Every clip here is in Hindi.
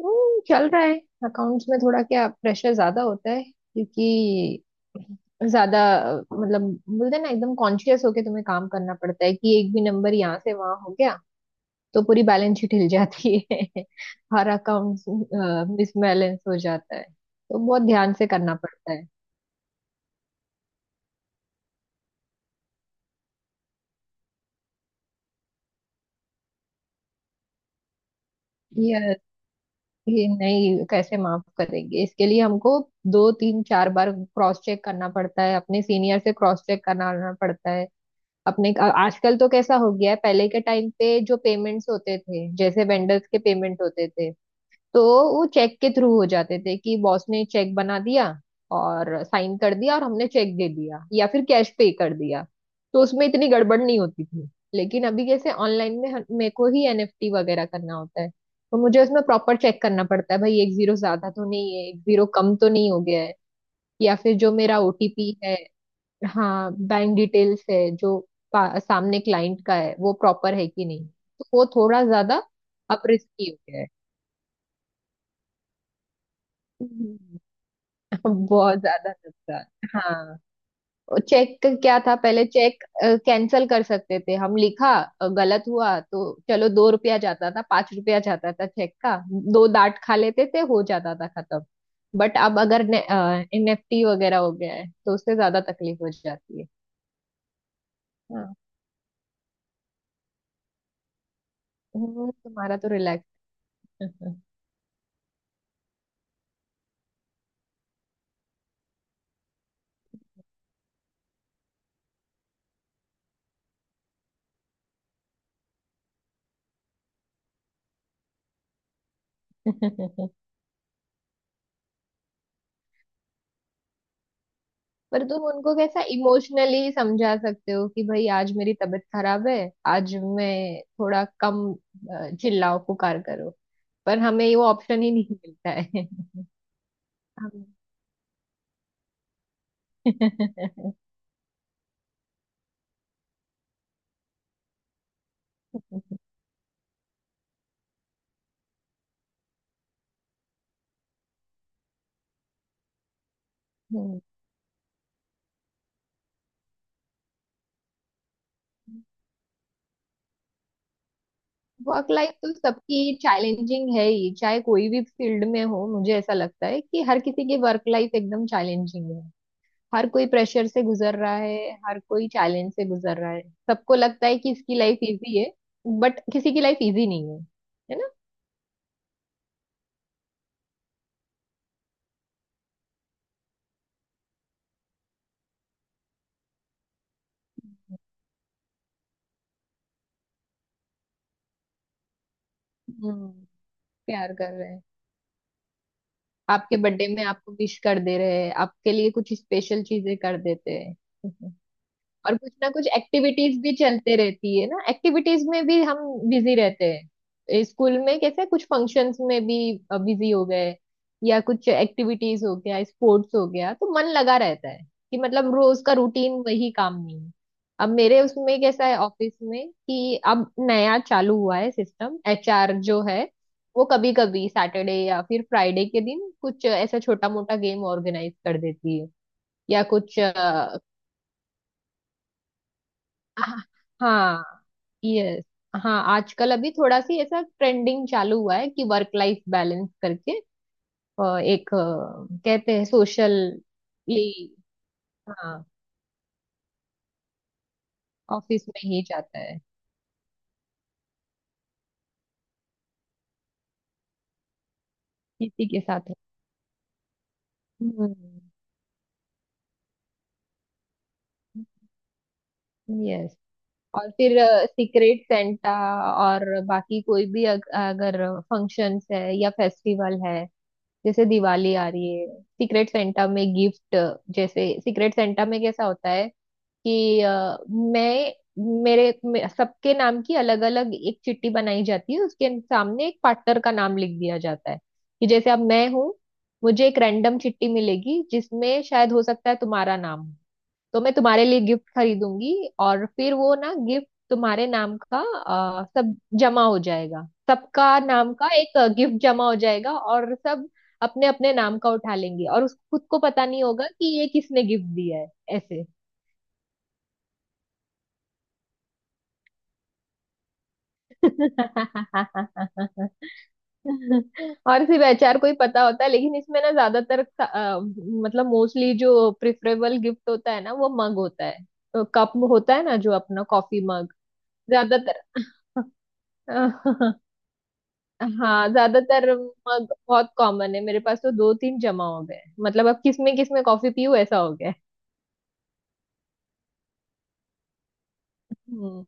चल रहा है। अकाउंट्स में थोड़ा क्या प्रेशर ज्यादा होता है, क्योंकि ज्यादा मतलब बोलते हैं ना, एकदम कॉन्शियस होके तुम्हें काम करना पड़ता है कि एक भी नंबर यहाँ से वहां हो गया तो पूरी बैलेंस शीट हिल जाती है। हर अकाउंट मिसबैलेंस हो जाता है, तो बहुत ध्यान से करना पड़ता है। ये ये नहीं, कैसे माफ करेंगे इसके लिए हमको। दो तीन चार बार क्रॉस चेक करना पड़ता है, अपने सीनियर से क्रॉस चेक कराना पड़ता है। आजकल तो कैसा हो गया है, पहले के टाइम पे जो पेमेंट्स होते थे, जैसे वेंडर्स के पेमेंट होते थे, तो वो चेक के थ्रू हो जाते थे कि बॉस ने चेक बना दिया और साइन कर दिया और हमने चेक दे दिया या फिर कैश पे कर दिया, तो उसमें इतनी गड़बड़ नहीं होती थी। लेकिन अभी जैसे ऑनलाइन में मेरे को ही एनएफटी वगैरह करना होता है, तो मुझे उसमें प्रॉपर चेक करना पड़ता है, भाई एक जीरो ज्यादा तो नहीं है, एक जीरो कम तो नहीं हो गया है, या फिर जो मेरा ओटीपी है, हाँ बैंक डिटेल्स है जो सामने क्लाइंट का है वो प्रॉपर है कि नहीं, तो वो थोड़ा ज्यादा अब रिस्की हो गया है। हम्म। बहुत ज्यादा नुकसान, हाँ। चेक क्या था, पहले चेक कैंसल कर सकते थे हम, लिखा गलत हुआ तो चलो, 2 रुपया जाता था, 5 रुपया जाता था चेक का, दो डांट खा लेते थे, हो जाता था खत्म। बट अब अगर एनएफटी वगैरह हो गया है तो उससे ज्यादा तकलीफ हो जाती है। हाँ। तुम्हारा तो रिलैक्स। पर तुम उनको कैसा इमोशनली समझा सकते हो कि भाई आज मेरी तबीयत खराब है, आज मैं थोड़ा कम चिल्लाओ पुकार करो। पर हमें वो ऑप्शन ही नहीं मिलता है। वर्क लाइफ तो सबकी चैलेंजिंग है ही, चाहे कोई भी फील्ड में हो। मुझे ऐसा लगता है कि हर किसी की वर्क लाइफ एकदम चैलेंजिंग है, हर कोई प्रेशर से गुजर रहा है, हर कोई चैलेंज से गुजर रहा है। सबको लगता है कि इसकी लाइफ इजी है, बट किसी की लाइफ इजी नहीं है, है ना। हम्म, प्यार कर रहे हैं, आपके बर्थडे में आपको विश कर दे रहे हैं, आपके लिए कुछ स्पेशल चीजें कर देते हैं। और कुछ ना कुछ एक्टिविटीज भी चलते रहती है ना, एक्टिविटीज में भी हम बिजी रहते हैं स्कूल में, कैसे कुछ फंक्शंस में भी बिजी हो गए, या कुछ एक्टिविटीज हो गया, स्पोर्ट्स हो गया, तो मन लगा रहता है कि मतलब रोज का रूटीन वही काम नहीं है। अब मेरे उसमें कैसा है ऑफिस में कि अब नया चालू हुआ है सिस्टम, एचआर जो है वो कभी कभी सैटरडे या फिर फ्राइडे के दिन कुछ ऐसा छोटा मोटा गेम ऑर्गेनाइज कर देती है, या कुछ। हाँ। हाँ। यस। हाँ, आजकल अभी थोड़ा सी ऐसा ट्रेंडिंग चालू हुआ है कि वर्क लाइफ बैलेंस करके एक कहते हैं सोशल, ये। हाँ, ऑफिस में ही जाता है, किसी के साथ। हम्म। यस। और फिर सीक्रेट सेंटा और बाकी कोई भी अगर फंक्शंस है या फेस्टिवल है, जैसे दिवाली आ रही है, सीक्रेट सेंटा में गिफ्ट। जैसे सीक्रेट सेंटा में कैसा होता है कि सबके नाम की अलग अलग एक चिट्ठी बनाई जाती है, उसके सामने एक पार्टनर का नाम लिख दिया जाता है। कि जैसे अब मैं हूँ, मुझे एक रैंडम चिट्ठी मिलेगी जिसमें शायद हो सकता है तुम्हारा नाम हो, तो मैं तुम्हारे लिए गिफ्ट खरीदूंगी और फिर वो ना गिफ्ट तुम्हारे नाम का सब जमा हो जाएगा। सबका नाम का एक गिफ्ट जमा हो जाएगा, और सब अपने अपने नाम का उठा लेंगे, और उस खुद को पता नहीं होगा कि ये किसने गिफ्ट दिया है, ऐसे। और सिर्फ एचआर को ही पता होता है, लेकिन इसमें ना ज्यादातर मतलब मोस्टली जो प्रिफरेबल गिफ्ट होता है ना, वो मग होता है, तो कप होता है ना, जो अपना कॉफी मग। ज्यादातर। हाँ, ज्यादातर मग बहुत कॉमन है, मेरे पास तो दो तीन जमा हो गए, मतलब अब किस में कॉफी पीऊँ ऐसा हो गया है। हम्म।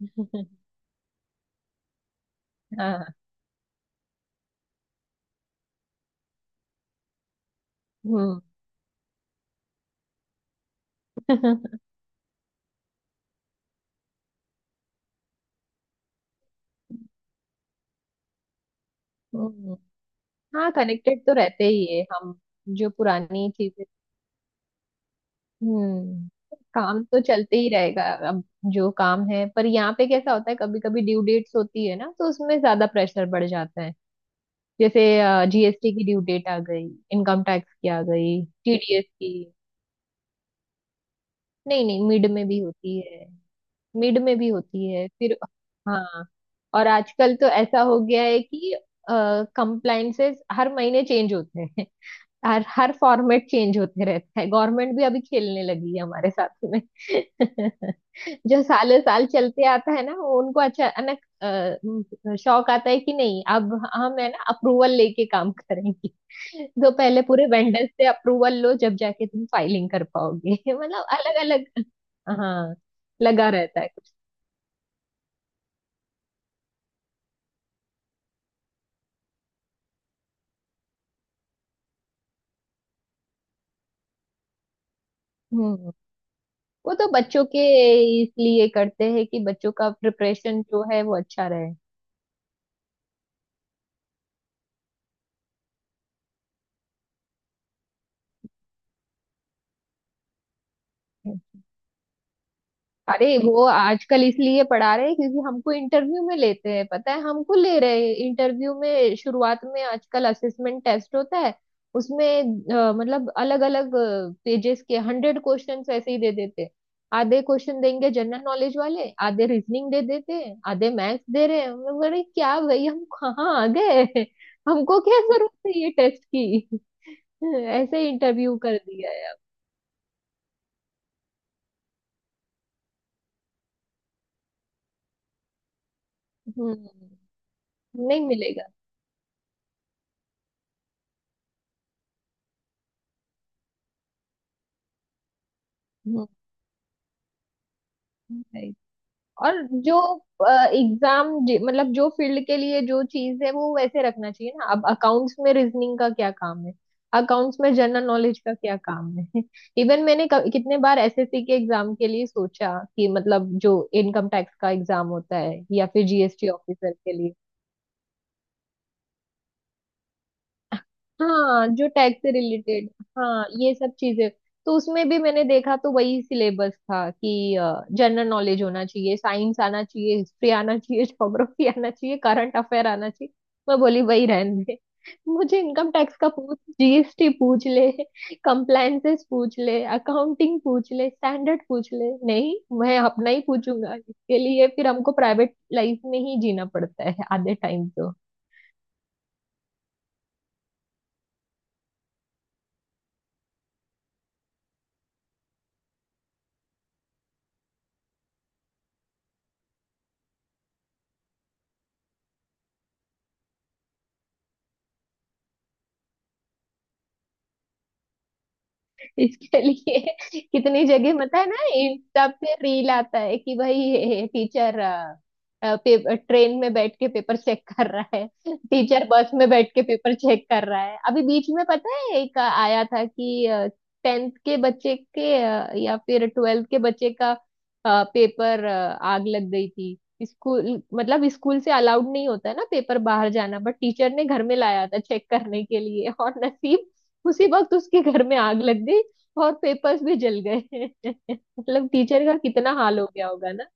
हाँ। हम्म। हम्म। हाँ कनेक्टेड तो रहते ही है हम, जो पुरानी चीजें। हम्म, काम तो चलते ही रहेगा। अब जो काम है, पर यहाँ पे कैसा होता है कभी कभी ड्यू डेट्स होती है ना, तो उसमें ज्यादा प्रेशर बढ़ जाता है, जैसे जीएसटी की ड्यू डेट आ गई, इनकम टैक्स की आ गई, टीडीएस की। नहीं नहीं, मिड में भी होती है, मिड में भी होती है फिर। हाँ। और आजकल तो ऐसा हो गया है कि कंप्लाइंसेस हर महीने चेंज होते हैं, हर हर फॉर्मेट चेंज होते रहता है, गवर्नमेंट भी अभी खेलने लगी है हमारे साथ में। जो सालों साल चलते आता है ना, वो उनको अचानक शौक आता है कि नहीं अब हम है ना अप्रूवल लेके काम करेंगे। तो पहले पूरे वेंडर से अप्रूवल लो जब जाके तुम फाइलिंग कर पाओगे। मतलब अलग अलग। हाँ। लगा रहता है कुछ। हम्म। वो तो बच्चों के इसलिए करते हैं कि बच्चों का प्रिपरेशन जो है वो अच्छा रहे। अरे वो आजकल इसलिए पढ़ा रहे हैं क्योंकि हमको इंटरव्यू में लेते हैं, पता है हमको ले रहे हैं इंटरव्यू में, शुरुआत में आजकल असेसमेंट टेस्ट होता है, उसमें मतलब अलग अलग पेजेस के 100 क्वेश्चन ऐसे ही दे देते हैं। आधे क्वेश्चन देंगे जनरल नॉलेज वाले, आधे रीजनिंग दे देते हैं, आधे मैथ्स दे रहे हैं, हम बोले, क्या भाई हम कहाँ आ गए। हमको क्या जरूरत है ये टेस्ट की। ऐसे इंटरव्यू कर दिया है अब। हम्म। नहीं मिलेगा। हम्म। और जो एग्जाम, मतलब जो फील्ड के लिए जो चीज है वो वैसे रखना चाहिए ना। अब अकाउंट्स में रीजनिंग का क्या काम है, अकाउंट्स में जनरल नॉलेज का क्या काम है। इवन मैंने कितने बार एसएससी के एग्जाम के लिए सोचा कि मतलब जो इनकम टैक्स का एग्जाम होता है, या फिर जीएसटी ऑफिसर के लिए। हाँ जो टैग से रिलेटेड। हाँ ये सब चीजें, तो उसमें भी मैंने देखा तो वही सिलेबस था कि जनरल नॉलेज होना चाहिए, साइंस आना चाहिए, हिस्ट्री आना चाहिए, ज्योग्राफी आना चाहिए, करंट अफेयर आना चाहिए। मैं बोली वही रहने दे। मुझे इनकम टैक्स का पूछ, जीएसटी पूछ ले, कंप्लायंसेस पूछ ले, अकाउंटिंग पूछ ले, स्टैंडर्ड पूछ ले। नहीं, मैं अपना ही पूछूंगा। इसके लिए फिर हमको प्राइवेट लाइफ में ही जीना पड़ता है आधे टाइम तो, इसके लिए। कितनी जगह पता है ना इंस्टा पे रील आता है कि भाई टीचर ट्रेन में बैठ के पेपर चेक कर रहा है, टीचर बस में बैठ के पेपर चेक कर रहा है, अभी बीच में पता है एक आया था कि 10th के बच्चे के या फिर 12th के बच्चे का पेपर आग लग गई थी। स्कूल, मतलब स्कूल से अलाउड नहीं होता है ना पेपर बाहर जाना, बट टीचर ने घर में लाया था चेक करने के लिए, और नसीब उसी वक्त उसके घर में आग लग गई, और पेपर्स भी जल गए। मतलब टीचर का कितना हाल हो गया होगा ना।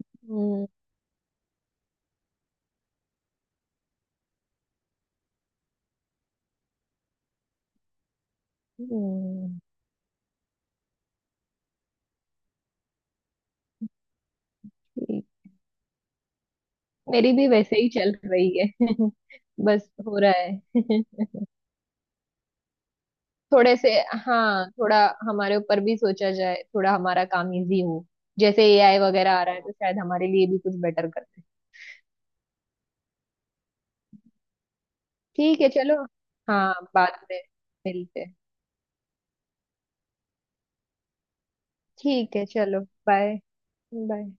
हम्म। हम्म, ठीक। मेरी भी वैसे ही चल रही है। बस हो रहा है। थोड़े से। हाँ, थोड़ा हमारे ऊपर भी सोचा जाए, थोड़ा हमारा काम इजी हो, जैसे एआई वगैरह आ रहा है तो शायद हमारे लिए भी कुछ बेटर करते हैं। ठीक है, चलो। हाँ, बाद में मिलते हैं। ठीक है, चलो। बाय। बाय।